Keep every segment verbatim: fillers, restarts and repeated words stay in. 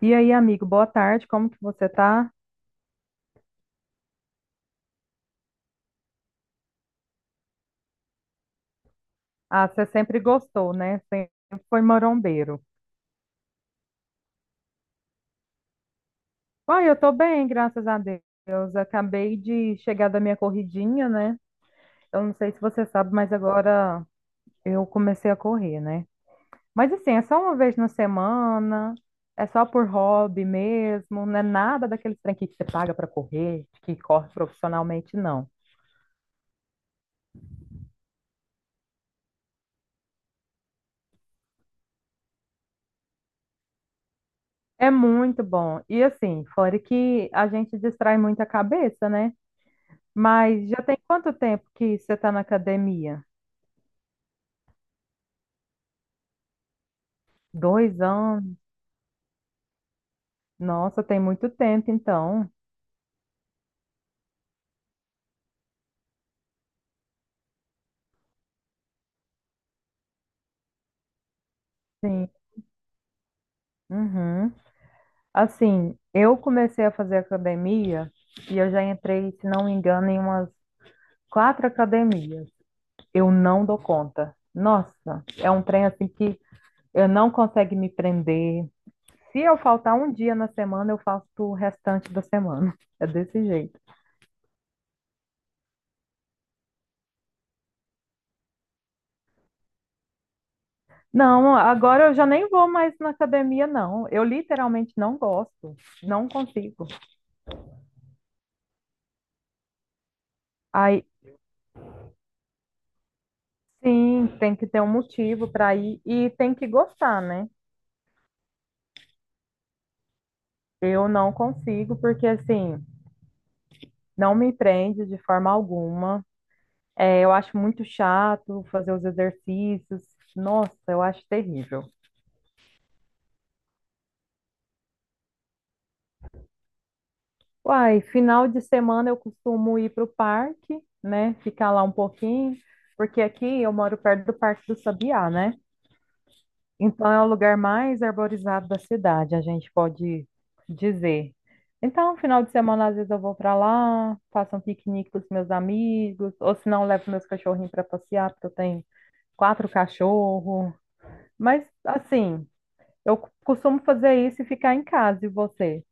E aí, amigo, boa tarde, como que você tá? Ah, você sempre gostou, né? Sempre foi marombeiro. Ah, eu tô bem, graças a Deus. Acabei de chegar da minha corridinha, né? Eu não sei se você sabe, mas agora eu comecei a correr, né? Mas assim, é só uma vez na semana, é só por hobby mesmo, não é nada daqueles trem que você paga para correr, que corre profissionalmente, não. É muito bom. E assim, fora que a gente distrai muito a cabeça, né? Mas já tem quanto tempo que você está na academia? Dois anos? Nossa, tem muito tempo, então. Sim. Uhum. Assim, eu comecei a fazer academia e eu já entrei, se não me engano, em umas quatro academias. Eu não dou conta. Nossa, é um trem assim que eu não consigo me prender. Se eu faltar um dia na semana, eu faço o restante da semana. É desse jeito. Não, agora eu já nem vou mais na academia, não. Eu literalmente não gosto, não consigo. Aí, sim, tem que ter um motivo para ir e tem que gostar, né? Eu não consigo, porque assim, não me prende de forma alguma. É, eu acho muito chato fazer os exercícios. Nossa, eu acho terrível. Uai, final de semana eu costumo ir para o parque, né? Ficar lá um pouquinho, porque aqui eu moro perto do Parque do Sabiá, né? Então, é o lugar mais arborizado da cidade, a gente pode dizer. Então, final de semana, às vezes eu vou para lá, faço um piquenique com os meus amigos, ou se não, levo meus cachorrinhos para passear, porque eu tenho quatro cachorros. Mas, assim, eu costumo fazer isso e ficar em casa, e você?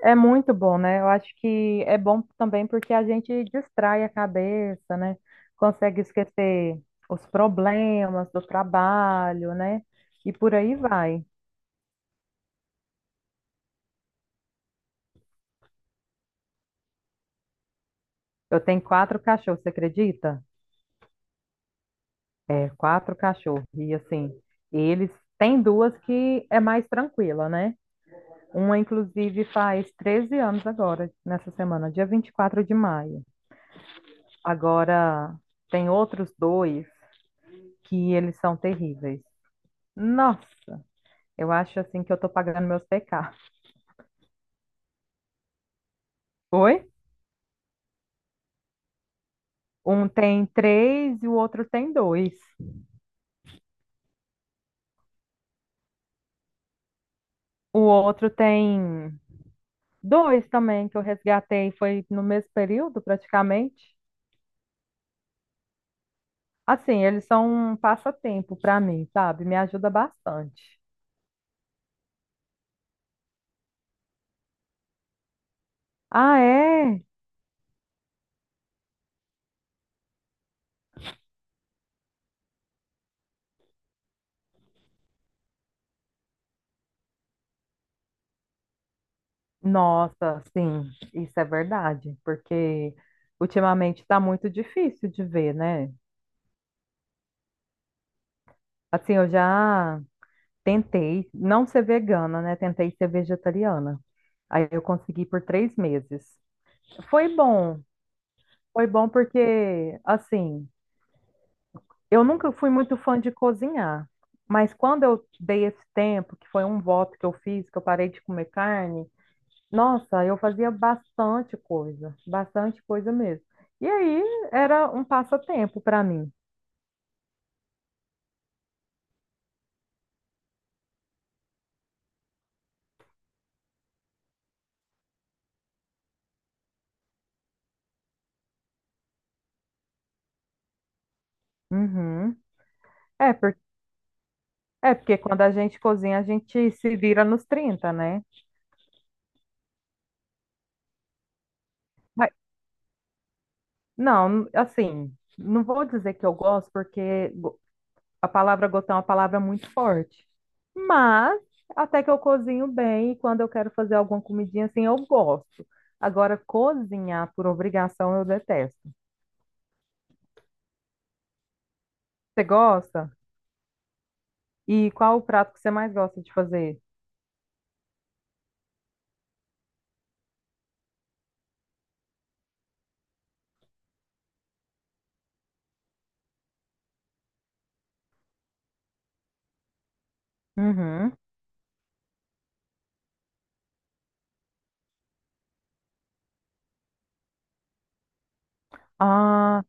É muito bom, né? Eu acho que é bom também porque a gente distrai a cabeça, né? Consegue esquecer os problemas do trabalho, né? E por aí vai. Eu tenho quatro cachorros, você acredita? É, quatro cachorros. E assim, eles têm duas que é mais tranquila, né? Uma, inclusive, faz treze anos agora, nessa semana, dia vinte e quatro de maio. Agora, tem outros dois que eles são terríveis. Nossa, eu acho assim que eu tô pagando meus pecados. Oi? Um tem três e o outro tem dois. O outro tem dois também que eu resgatei, foi no mesmo período, praticamente. Assim, eles são um passatempo para mim, sabe? Me ajuda bastante. Ah, é? Nossa, sim, isso é verdade, porque ultimamente está muito difícil de ver, né? Assim, eu já tentei não ser vegana, né? Tentei ser vegetariana. Aí eu consegui por três meses. Foi bom, foi bom porque, assim, eu nunca fui muito fã de cozinhar, mas quando eu dei esse tempo, que foi um voto que eu fiz, que eu parei de comer carne. Nossa, eu fazia bastante coisa, bastante coisa mesmo. E aí era um passatempo para mim. Uhum. É, por, é porque quando a gente cozinha, a gente se vira nos trinta, né? Mas- não, assim, não vou dizer que eu gosto, porque go- a palavra gotão é uma palavra muito forte. Mas até que eu cozinho bem e quando eu quero fazer alguma comidinha assim, eu gosto. Agora, cozinhar por obrigação eu detesto. Você gosta? E qual o prato que você mais gosta de fazer? Uhum. Ah,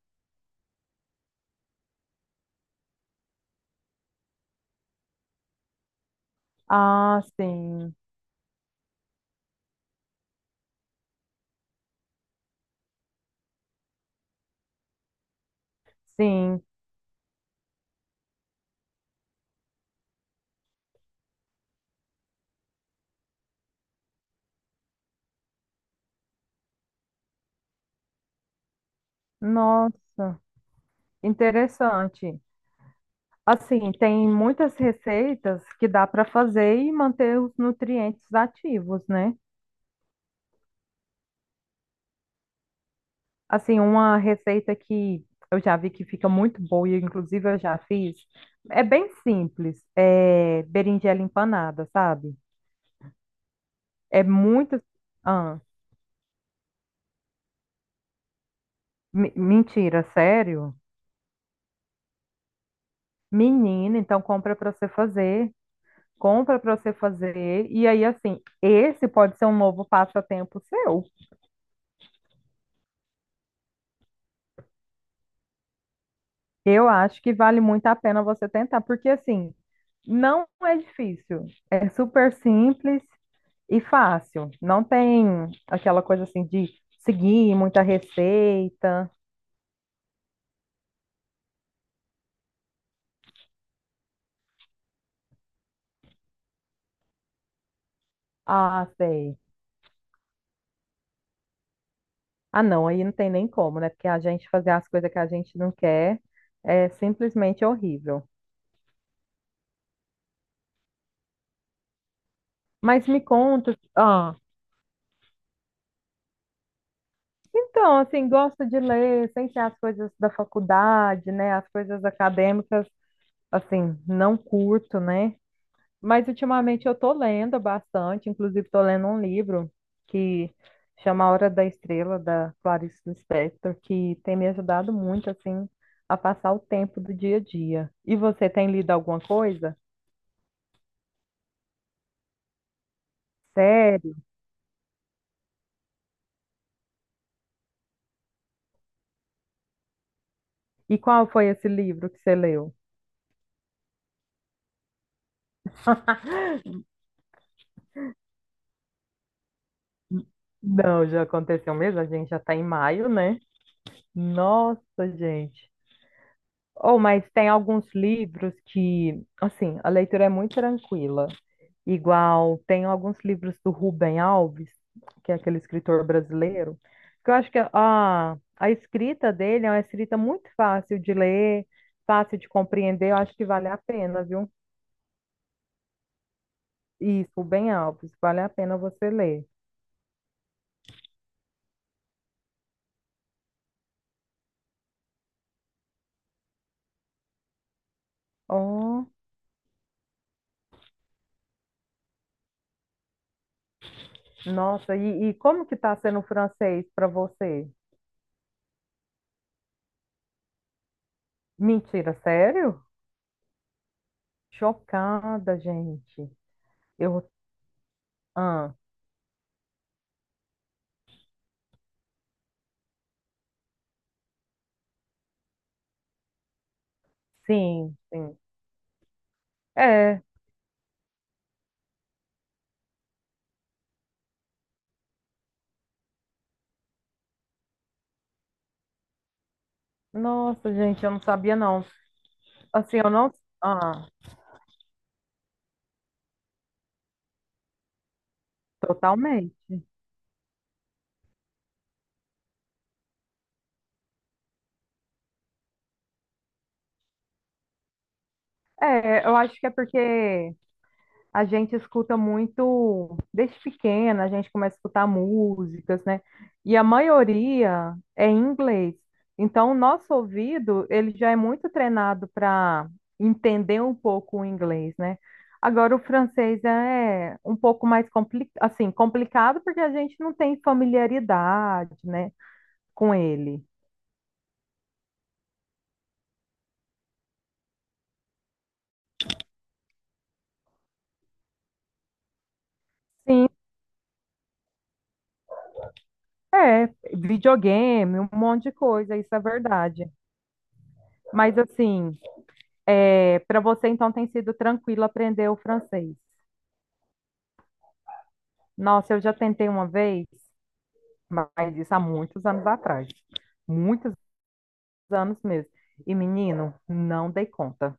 ah, sim, sim. Nossa, interessante. Assim, tem muitas receitas que dá para fazer e manter os nutrientes ativos, né? Assim, uma receita que eu já vi que fica muito boa e inclusive eu já fiz, é bem simples, é berinjela empanada, sabe? É muito... Ah, me- mentira, sério? Menina, então compra para você fazer, compra para você fazer. E aí, assim, esse pode ser um novo passatempo seu. Eu acho que vale muito a pena você tentar, porque assim, não é difícil, é super simples e fácil. Não tem aquela coisa assim de seguir muita receita. Ah, sei. Ah, não, aí não tem nem como, né? Porque a gente fazer as coisas que a gente não quer é simplesmente horrível. Mas me conta, ah, então, assim, gosto de ler, sem ser as coisas da faculdade, né? As coisas acadêmicas, assim, não curto, né? Mas ultimamente eu tô lendo bastante, inclusive tô lendo um livro que chama A Hora da Estrela, da Clarice Lispector, que tem me ajudado muito, assim, a passar o tempo do dia a dia. E você tem lido alguma coisa? Sério? E qual foi esse livro que você leu? Não, já aconteceu mesmo, a gente já tá em maio, né? Nossa, gente. Ou, mas tem alguns livros que, assim, a leitura é muito tranquila. Igual, tem alguns livros do Rubem Alves, que é aquele escritor brasileiro, que eu acho que a, a escrita dele é uma escrita muito fácil de ler, fácil de compreender. Eu acho que vale a pena, viu? Isso, Rubem Alves, vale a pena você ler. Oh, nossa, e, e como que tá sendo o francês para você? Mentira, sério? Chocada, gente. Eu, ah. Sim, sim. É, nossa, gente, eu não sabia não. Assim, eu não. Ah, totalmente. É, eu acho que é porque a gente escuta muito, desde pequena, a gente começa a escutar músicas, né? E a maioria é em inglês. Então, o nosso ouvido, ele já é muito treinado para entender um pouco o inglês, né? Agora, o francês é um pouco mais compli assim, complicado porque a gente não tem familiaridade, né? com ele. Sim, é, videogame, um monte de coisa, isso é verdade. Mas assim, é, para você então tem sido tranquilo aprender o francês. Nossa, eu já tentei uma vez, mas isso há muitos anos atrás, muitos anos mesmo. E menino, não dei conta.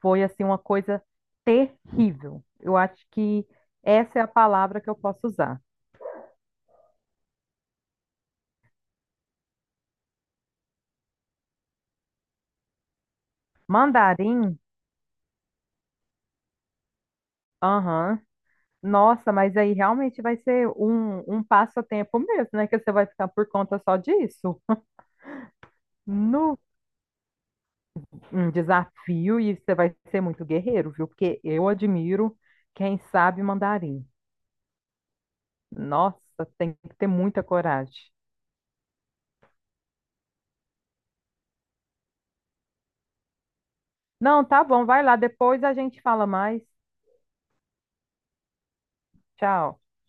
Foi assim uma coisa terrível. Eu acho que essa é a palavra que eu posso usar. Mandarim, aham, nossa, mas aí realmente vai ser um, um passatempo mesmo, né? Que você vai ficar por conta só disso. No, um desafio, e você vai ser muito guerreiro, viu? Porque eu admiro quem sabe mandarim. Nossa, tem que ter muita coragem. Não, tá bom, vai lá, depois a gente fala mais. Tchau.